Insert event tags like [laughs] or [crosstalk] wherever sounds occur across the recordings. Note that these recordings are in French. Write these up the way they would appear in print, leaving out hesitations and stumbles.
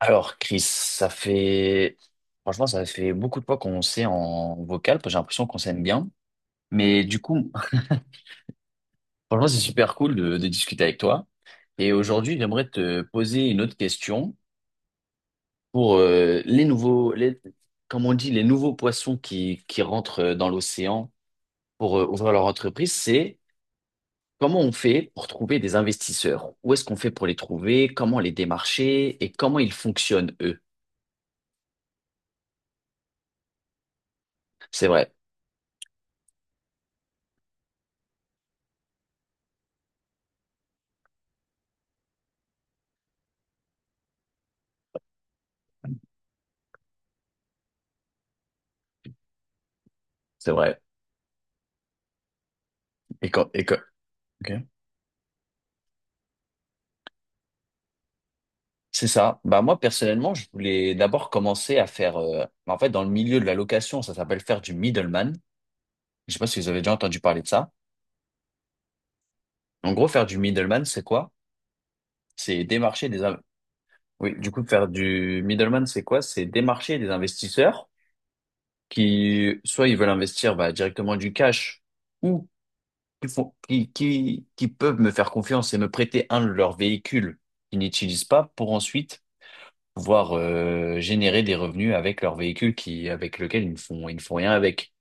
Alors, Chris, ça fait... Franchement, ça fait beaucoup de fois qu'on s'est en vocal, parce que j'ai l'impression qu'on s'aime bien. Mais du coup, [laughs] franchement, c'est super cool de discuter avec toi. Et aujourd'hui, j'aimerais te poser une autre question pour les nouveaux, les, comme on dit, les nouveaux poissons qui rentrent dans l'océan pour ouvrir leur entreprise. C'est comment on fait pour trouver des investisseurs? Où est-ce qu'on fait pour les trouver? Comment les démarcher? Et comment ils fonctionnent, eux? C'est vrai, c'est vrai. Et quand... ok. C'est ça. Bah moi personnellement, je voulais d'abord commencer à faire en fait dans le milieu de la location, ça s'appelle faire du middleman. Je sais pas si vous avez déjà entendu parler de ça. En gros, faire du middleman, c'est quoi? C'est démarcher des in- oui, du coup faire du middleman, c'est quoi? C'est démarcher des investisseurs qui soit ils veulent investir bah, directement du cash ou qui font qui peuvent me faire confiance et me prêter un de leurs véhicules qu'ils n'utilisent pas pour ensuite pouvoir générer des revenus avec leur véhicule qui, avec lequel ils ne font rien avec.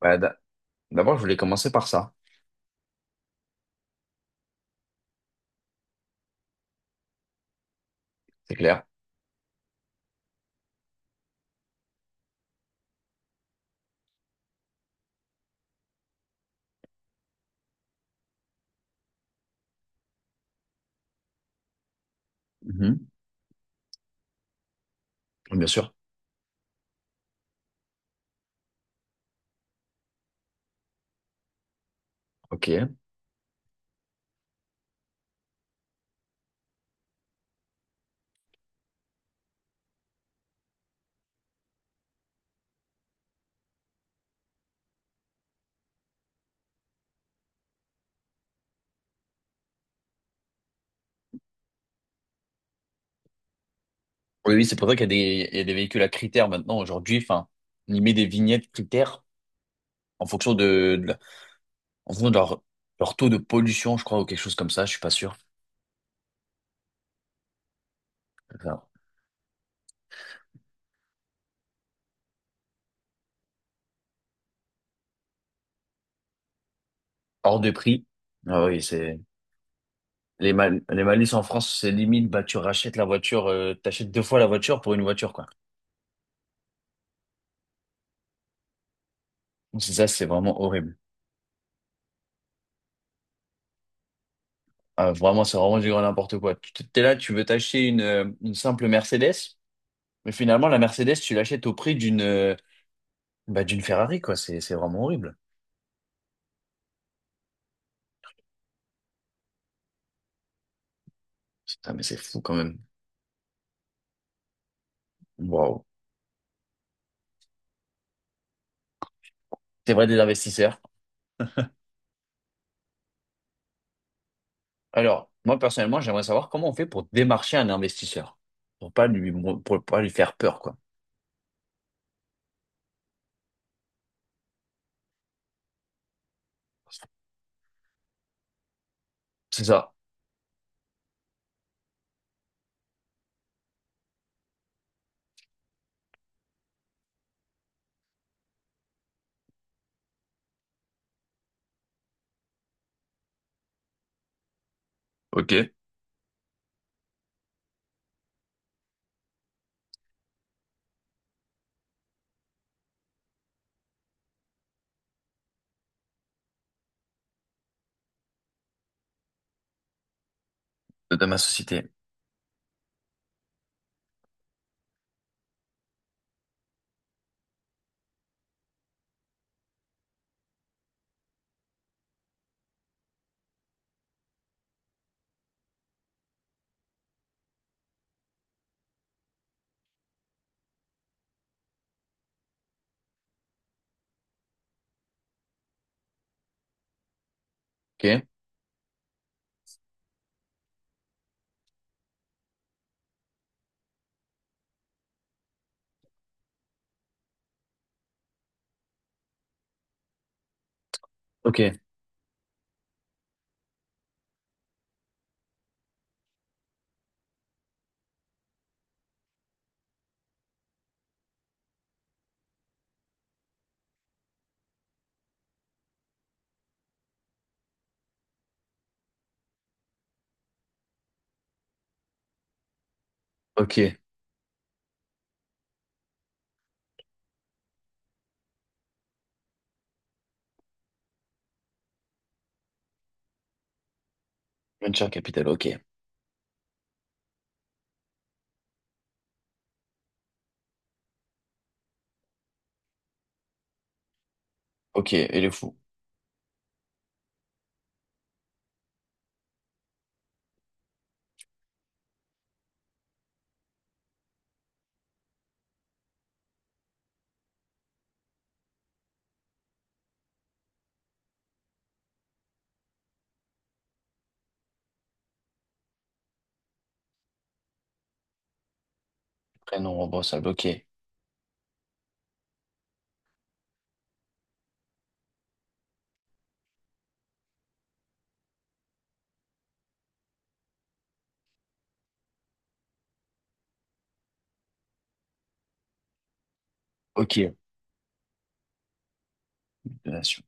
Bah, d'a- d'abord, je voulais commencer par ça, c'est clair. Mhm. Bien sûr. Ok. Oui, oui, c'est pour ça qu'il y a des, il y a des véhicules à critères maintenant aujourd'hui. Enfin, on y met des vignettes critères en fonction de, de la- en fonction de leur, leur taux de pollution, je crois, ou quelque chose comme ça. Je suis pas sûr. Enfin, hors de prix. Ah oui, c'est les malus en France, c'est limite. Bah, tu rachètes la voiture, t'achètes deux fois la voiture pour une voiture, quoi. Donc, c'est ça, c'est vraiment horrible. Ah, vraiment, c'est vraiment du grand n'importe quoi. Tu t'es là, tu veux t'acheter une simple Mercedes, mais finalement, la Mercedes, tu l'achètes au prix d'une bah, d'une Ferrari, quoi. C'est vraiment horrible. Putain, mais c'est fou quand même. Waouh. C'est vrai des investisseurs. Alors, moi, personnellement, j'aimerais savoir comment on fait pour démarcher un investisseur, pour pas lui faire peur, quoi. C'est ça. OK. De ma société. OK. OK. OK. Venture capital. OK. OK. Et le fou. Prénom, remboursable. OK. OK. Donation.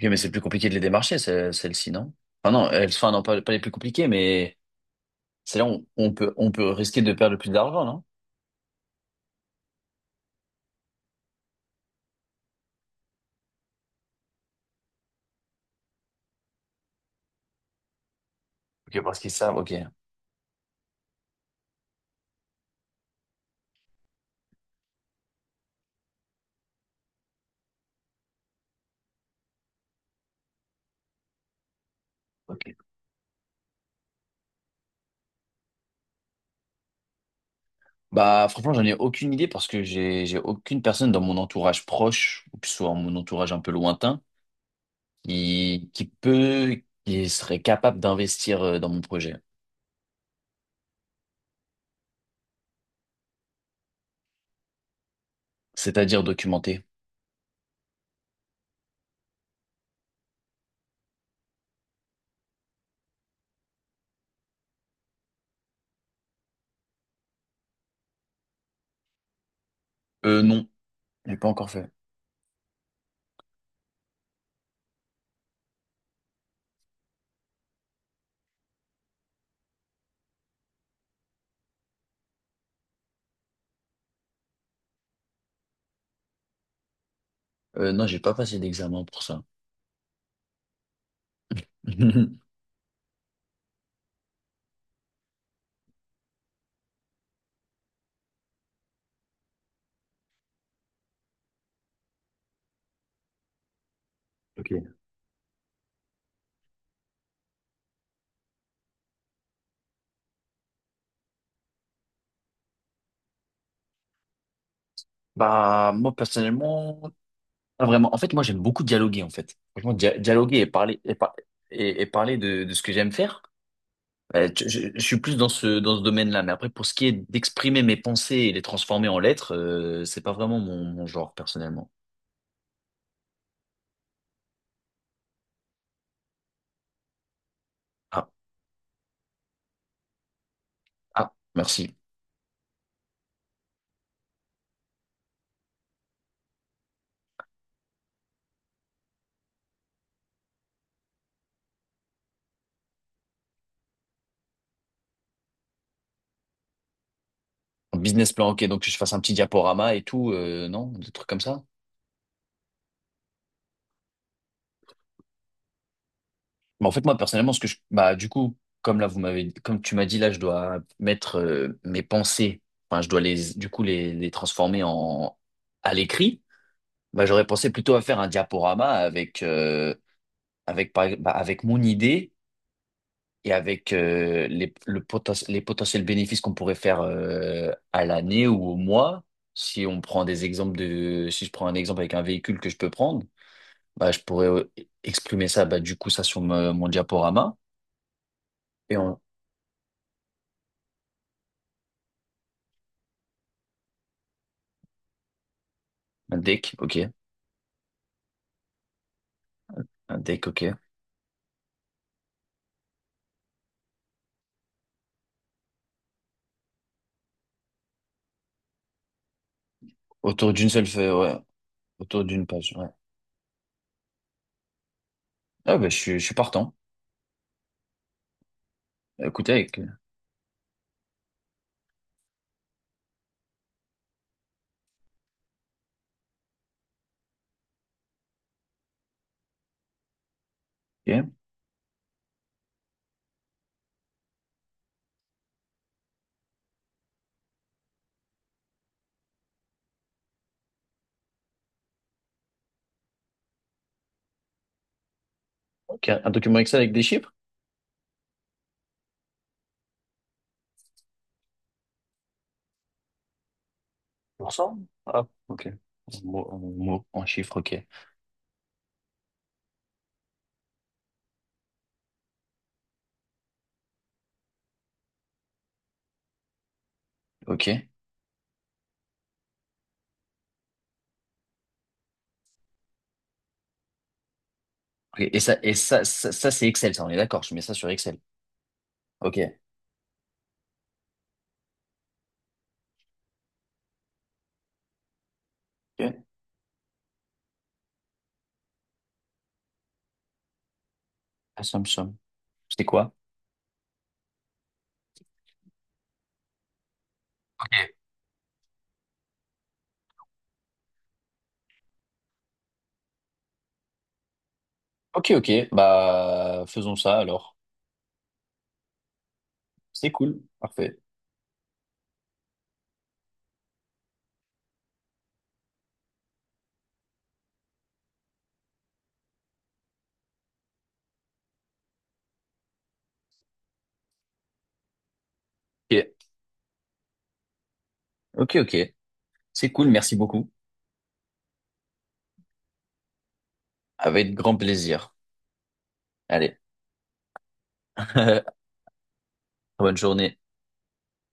Ok, mais c'est plus compliqué de les démarcher, celles-ci, non? Enfin, non, elles, enfin, non, pas les plus compliquées, mais c'est là où on peut risquer de perdre le plus d'argent, non? Ok, parce qu'ils savent, ok. Ok. Bah, franchement, j'en ai aucune idée parce que j'ai aucune personne dans mon entourage proche, ou que ce soit mon entourage un peu lointain, qui peut, qui serait capable d'investir dans mon projet. C'est-à-dire documenter. Non, j'ai pas encore fait. Non, j'ai pas passé d'examen pour ça. [laughs] Ok. Bah, moi, personnellement, ah, vraiment, en fait, moi j'aime beaucoup dialoguer en fait. Franchement, dialoguer et parler et parler de ce que j'aime faire. Je suis plus dans ce domaine-là, mais après pour ce qui est d'exprimer mes pensées et les transformer en lettres, c'est pas vraiment mon genre personnellement. Ah ah merci. En Business plan, ok, donc que je fasse un petit diaporama et tout, non, des trucs comme ça. Mais en fait moi personnellement, bah du coup, comme tu m'as dit là, je dois mettre mes pensées, enfin je dois les du coup les transformer en à l'écrit. Bah, j'aurais pensé plutôt à faire un diaporama avec, avec, avec mon idée et avec les potentiels bénéfices qu'on pourrait faire à l'année ou au mois. Si on prend des exemples de, si je prends un exemple avec un véhicule que je peux prendre, bah, je pourrais exprimer ça, bah, du coup, ça sur mon diaporama. Et on, un deck, ok. Un deck, ok. Autour d'une seule feuille, ouais. Autour d'une page, ouais. Ah, bah, je suis partant. Écoutez, avec, ok. Ok, un document Excel avec des chiffres? Pour cent ah, ok. En mots, en chiffres, ok. Ok. Ok. Et ça, c'est Excel, ça, on est d'accord. Je mets ça sur Excel. Ok. Ok. Assumption. C'est quoi? Ok. Ok, ok. Bah, faisons ça alors. C'est cool. Parfait. Ok. Ok, ok. C'est cool. Merci beaucoup. Avec grand plaisir. Allez. [laughs] Bonne journée.